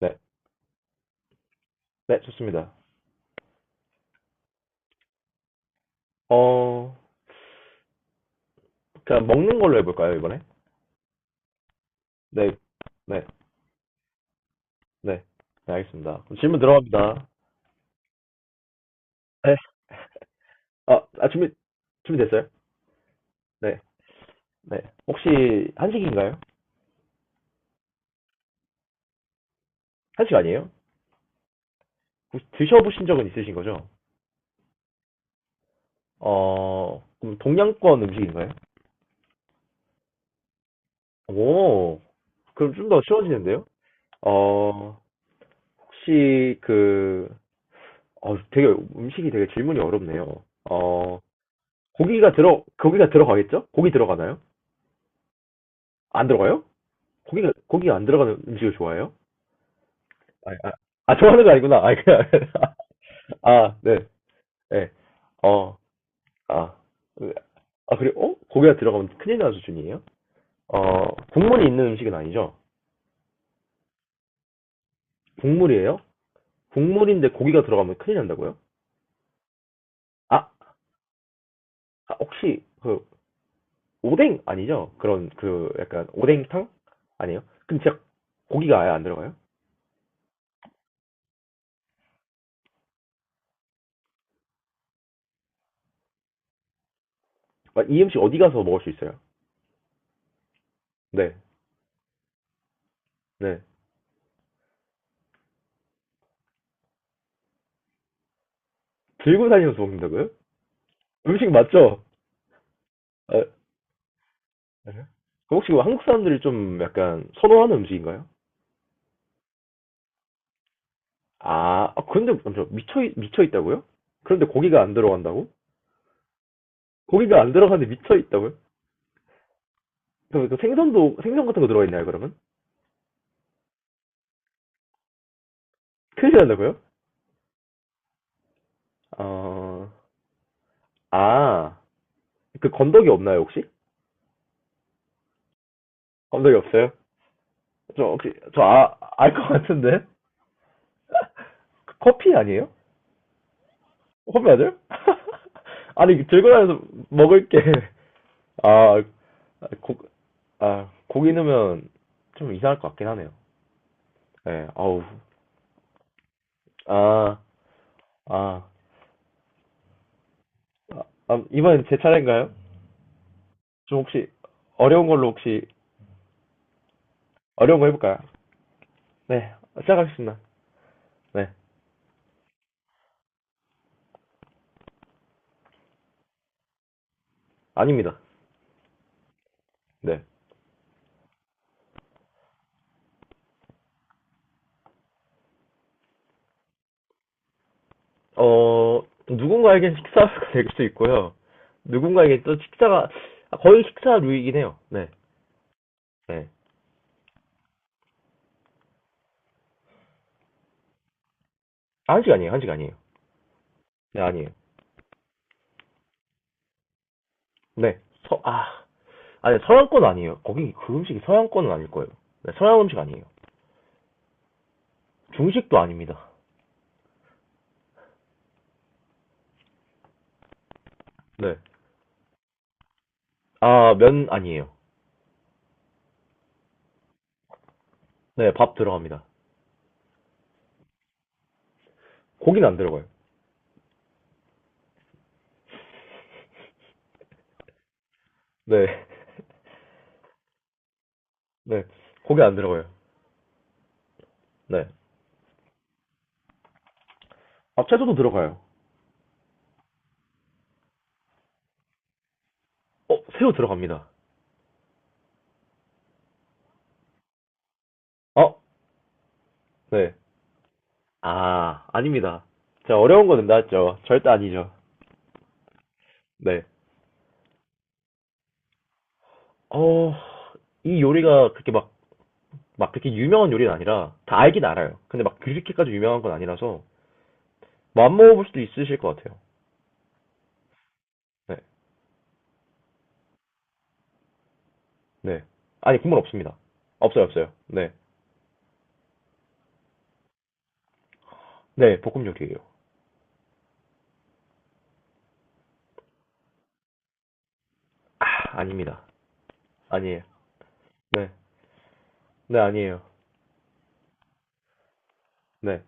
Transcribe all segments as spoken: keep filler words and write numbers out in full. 네. 네, 좋습니다. 어, 그냥 먹는 걸로 해볼까요, 이번에? 네, 네, 네. 네, 알겠습니다. 그럼 질문 들어갑니다. 네. 아, 아, 준비, 준비됐어요? 네, 네. 혹시 한식인가요? 한식 아니에요? 혹시 드셔보신 적은 있으신 거죠? 어, 그럼 동양권 음식인가요? 오, 그럼 좀 더 쉬워지는데요? 어, 혹시 그, 어, 되게 음식이 되게 질문이 어렵네요. 어, 고기가 들어, 고기가 들어가겠죠? 고기 들어가나요? 안 들어가요? 고기가 고기 안 들어가는 음식을 좋아해요? 아, 아, 아, 좋아하는 거 아니구나. 아, 그냥 아, 네, 네, 어, 아, 으, 아 그리고 어? 고기가 들어가면 큰일 나는 수준이에요? 어, 국물이 있는 음식은 아니죠? 국물이에요? 국물인데 고기가 들어가면 큰일 난다고요? 아, 아, 혹시 그 오뎅 아니죠? 그런 그 약간 오뎅탕 아니에요? 근데 진짜 고기가 아예 안 들어가요? 아, 이 음식 어디 가서 먹을 수 있어요? 네, 네, 들고 다니면서 먹는다고요? 음식 맞죠? 아, 네. 그럼 혹시 그 한국 사람들이 좀 약간 선호하는 음식인가요? 아, 아, 근데 먼저 미쳐 있- 미쳐 있다고요? 그런데 고기가 안 들어간다고? 고기가 안 들어가는데 미쳐 있다고요? 그럼 그 생선도 생선 같은 거 들어가 있나요, 그러면? 큰일 난다고요? 어, 아, 그 건더기 없나요, 혹시? 건더기 없어요? 저 혹시 저 아, 알 것 같은데? 그 커피 아니에요? 커피 아니요 아니 들고 다녀서 먹을 게 아, 고, 아 고기 넣으면 좀 이상할 것 같긴 하네요. 네, 어우. 아, 아, 아, 아, 이번엔 제 차례인가요? 좀 혹시 어려운 걸로 혹시 어려운 거 해볼까요? 네, 시작하겠습니다. 네, 아닙니다. 네. 어, 누군가에겐 식사가 될 수도 있고요. 누군가에겐 또 식사가, 아, 거의 식사 류이긴 해요. 네. 네. 한식 아니에요. 한식 아니에요. 네, 아니에요. 네. 서, 아, 아니, 서양권 아니에요. 거기 그 음식이 서양권은 아닐 거예요. 네, 서양 음식 아니에요. 중식도 아닙니다. 네. 아, 면 아니에요. 네, 밥 들어갑니다. 고기는 안 들어가요. 네, 네, 고기 안 들어가요. 네, 아, 채소도 들어가요. 어, 새우 들어갑니다. 어, 네, 아, 아닙니다. 제가 어려운 거는 나왔죠. 절대 아니죠. 네, 어, 이 요리가 그렇게 막, 막 그렇게 유명한 요리는 아니라 다 알긴 알아요. 근데 막 그렇게까지 유명한 건 아니라서 맘안 먹어볼 수도 있으실 것 같아요. 네, 네, 아니 국물 없습니다. 없어요, 없어요. 네, 네, 볶음 요리예요. 아, 아닙니다. 아니에요. 네, 네, 아니에요. 네,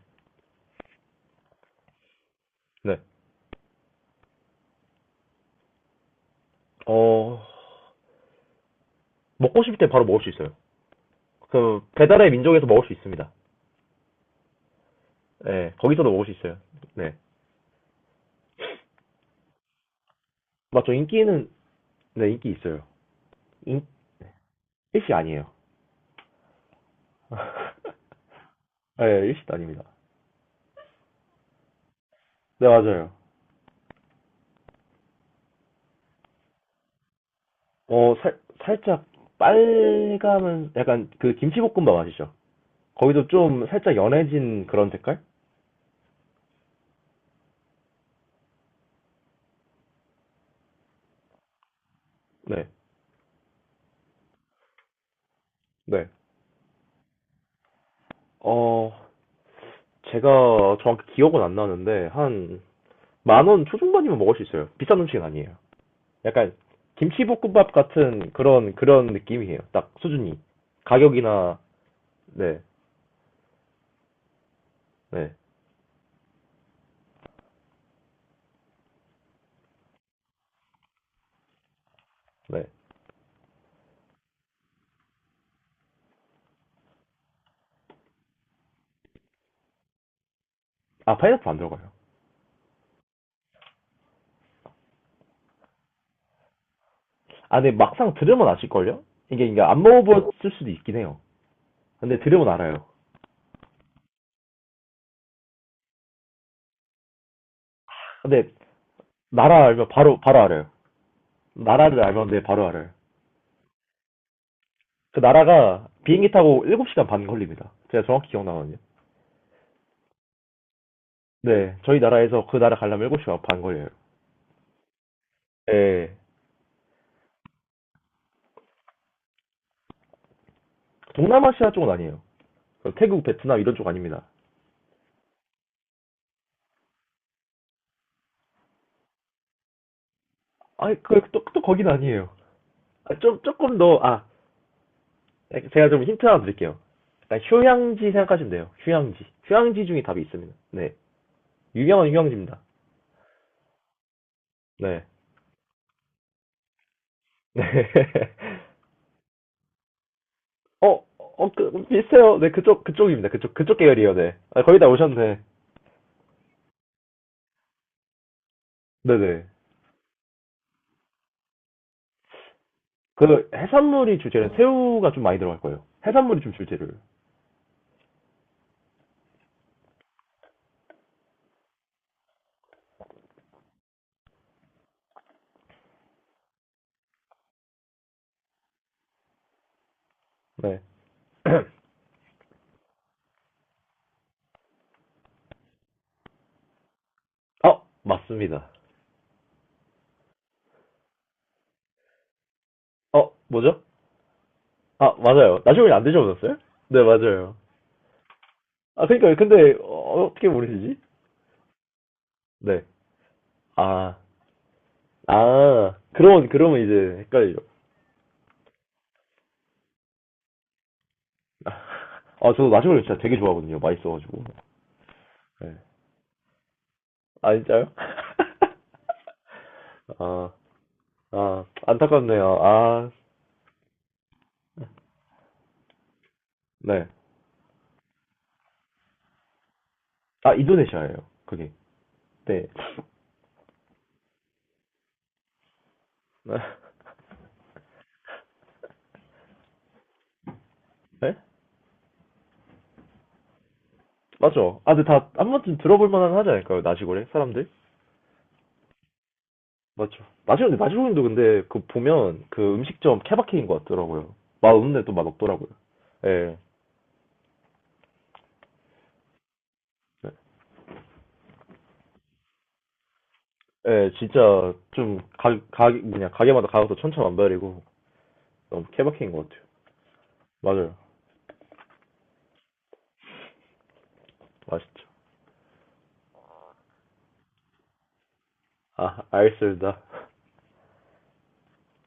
네, 어. 먹고 싶을 때 바로 먹을 수 있어요. 그 배달의 민족에서 먹을 수 있습니다. 네, 거기서도 먹을 수 있어요. 네. 맞죠? 인기는 네 인기 있어요. 인 일시 아니에요. 네, 일시도 아닙니다. 네 맞아요. 어 살, 살짝 빨감은 약간 그 김치볶음밥 아시죠? 거기도 좀 살짝 연해진 그런 색깔? 네, 네. 어 제가 정확히 기억은 안 나는데 한 만 원 초중반이면 먹을 수 있어요. 비싼 음식은 아니에요. 약간 김치볶음밥 같은 그런 그런 느낌이에요. 딱 수준이. 가격이나 네, 네, 네. 아 파인애플 안 들어가요. 아, 근데 막상 들으면 아실걸요? 이게 이게 안 먹어봤을 수도 있긴 해요. 근데 들으면 알아요. 근데 나라 알면 바로 바로 알아요. 나라를 알면 네 바로 알아요. 그 나라가 비행기 타고 일곱 시간 반 걸립니다. 제가 정확히 기억나거든요. 네, 저희 나라에서 그 나라 가려면 일곱 시간 반 걸려요. 예, 동남아시아 쪽은 아니에요. 그 태국, 베트남 이런 쪽 아닙니다. 아니, 그, 또, 또 거긴 아니에요. 아, 좀, 조금 더, 아, 제가 좀 힌트 하나 드릴게요. 약간 휴양지 생각하시면 돼요. 휴양지. 휴양지 중에 답이 있습니다. 네. 유명한 휴양지입니다. 네. 네. 어, 어, 그, 비슷해요. 네, 그쪽, 그쪽입니다. 그쪽, 그쪽 계열이에요. 네. 아, 거의 다 오셨네. 네네. 그, 해산물이 주재료는 새우가 좀 많이 들어갈 거예요. 해산물이 좀 주재료예요. 네. 어, 맞습니다. 어, 뭐죠? 아, 맞아요. 나중에 안 드셔보셨어요? 네, 맞아요. 아, 그러니까 근데 어, 어떻게 모르시지? 네. 아, 아, 그러면, 그러면 이제 헷갈리죠. 아, 저도 나시고를 진짜 되게 좋아하거든요. 맛있어가지고. 네. 아, 진짜요? 아, 아, 안타깝네요. 아, 네. 아, 인도네시아예요. 그게. 네. 네? 맞죠? 아, 근데 다 한 번쯤 들어볼 만한 하지 않을까요? 나시고래? 사람들? 맞죠. 나시고래, 나시고래도 근데 그 보면 그 음식점 케바케인 것 같더라고요. 맛없는데 또 맛없더라고요. 예. 네. 예, 진짜 좀 가, 가, 그냥 가게마다 가격도 천차만별이고 너무 케바케인 것 같아요. 맞아요. 맛있죠. 아, 알겠습니다.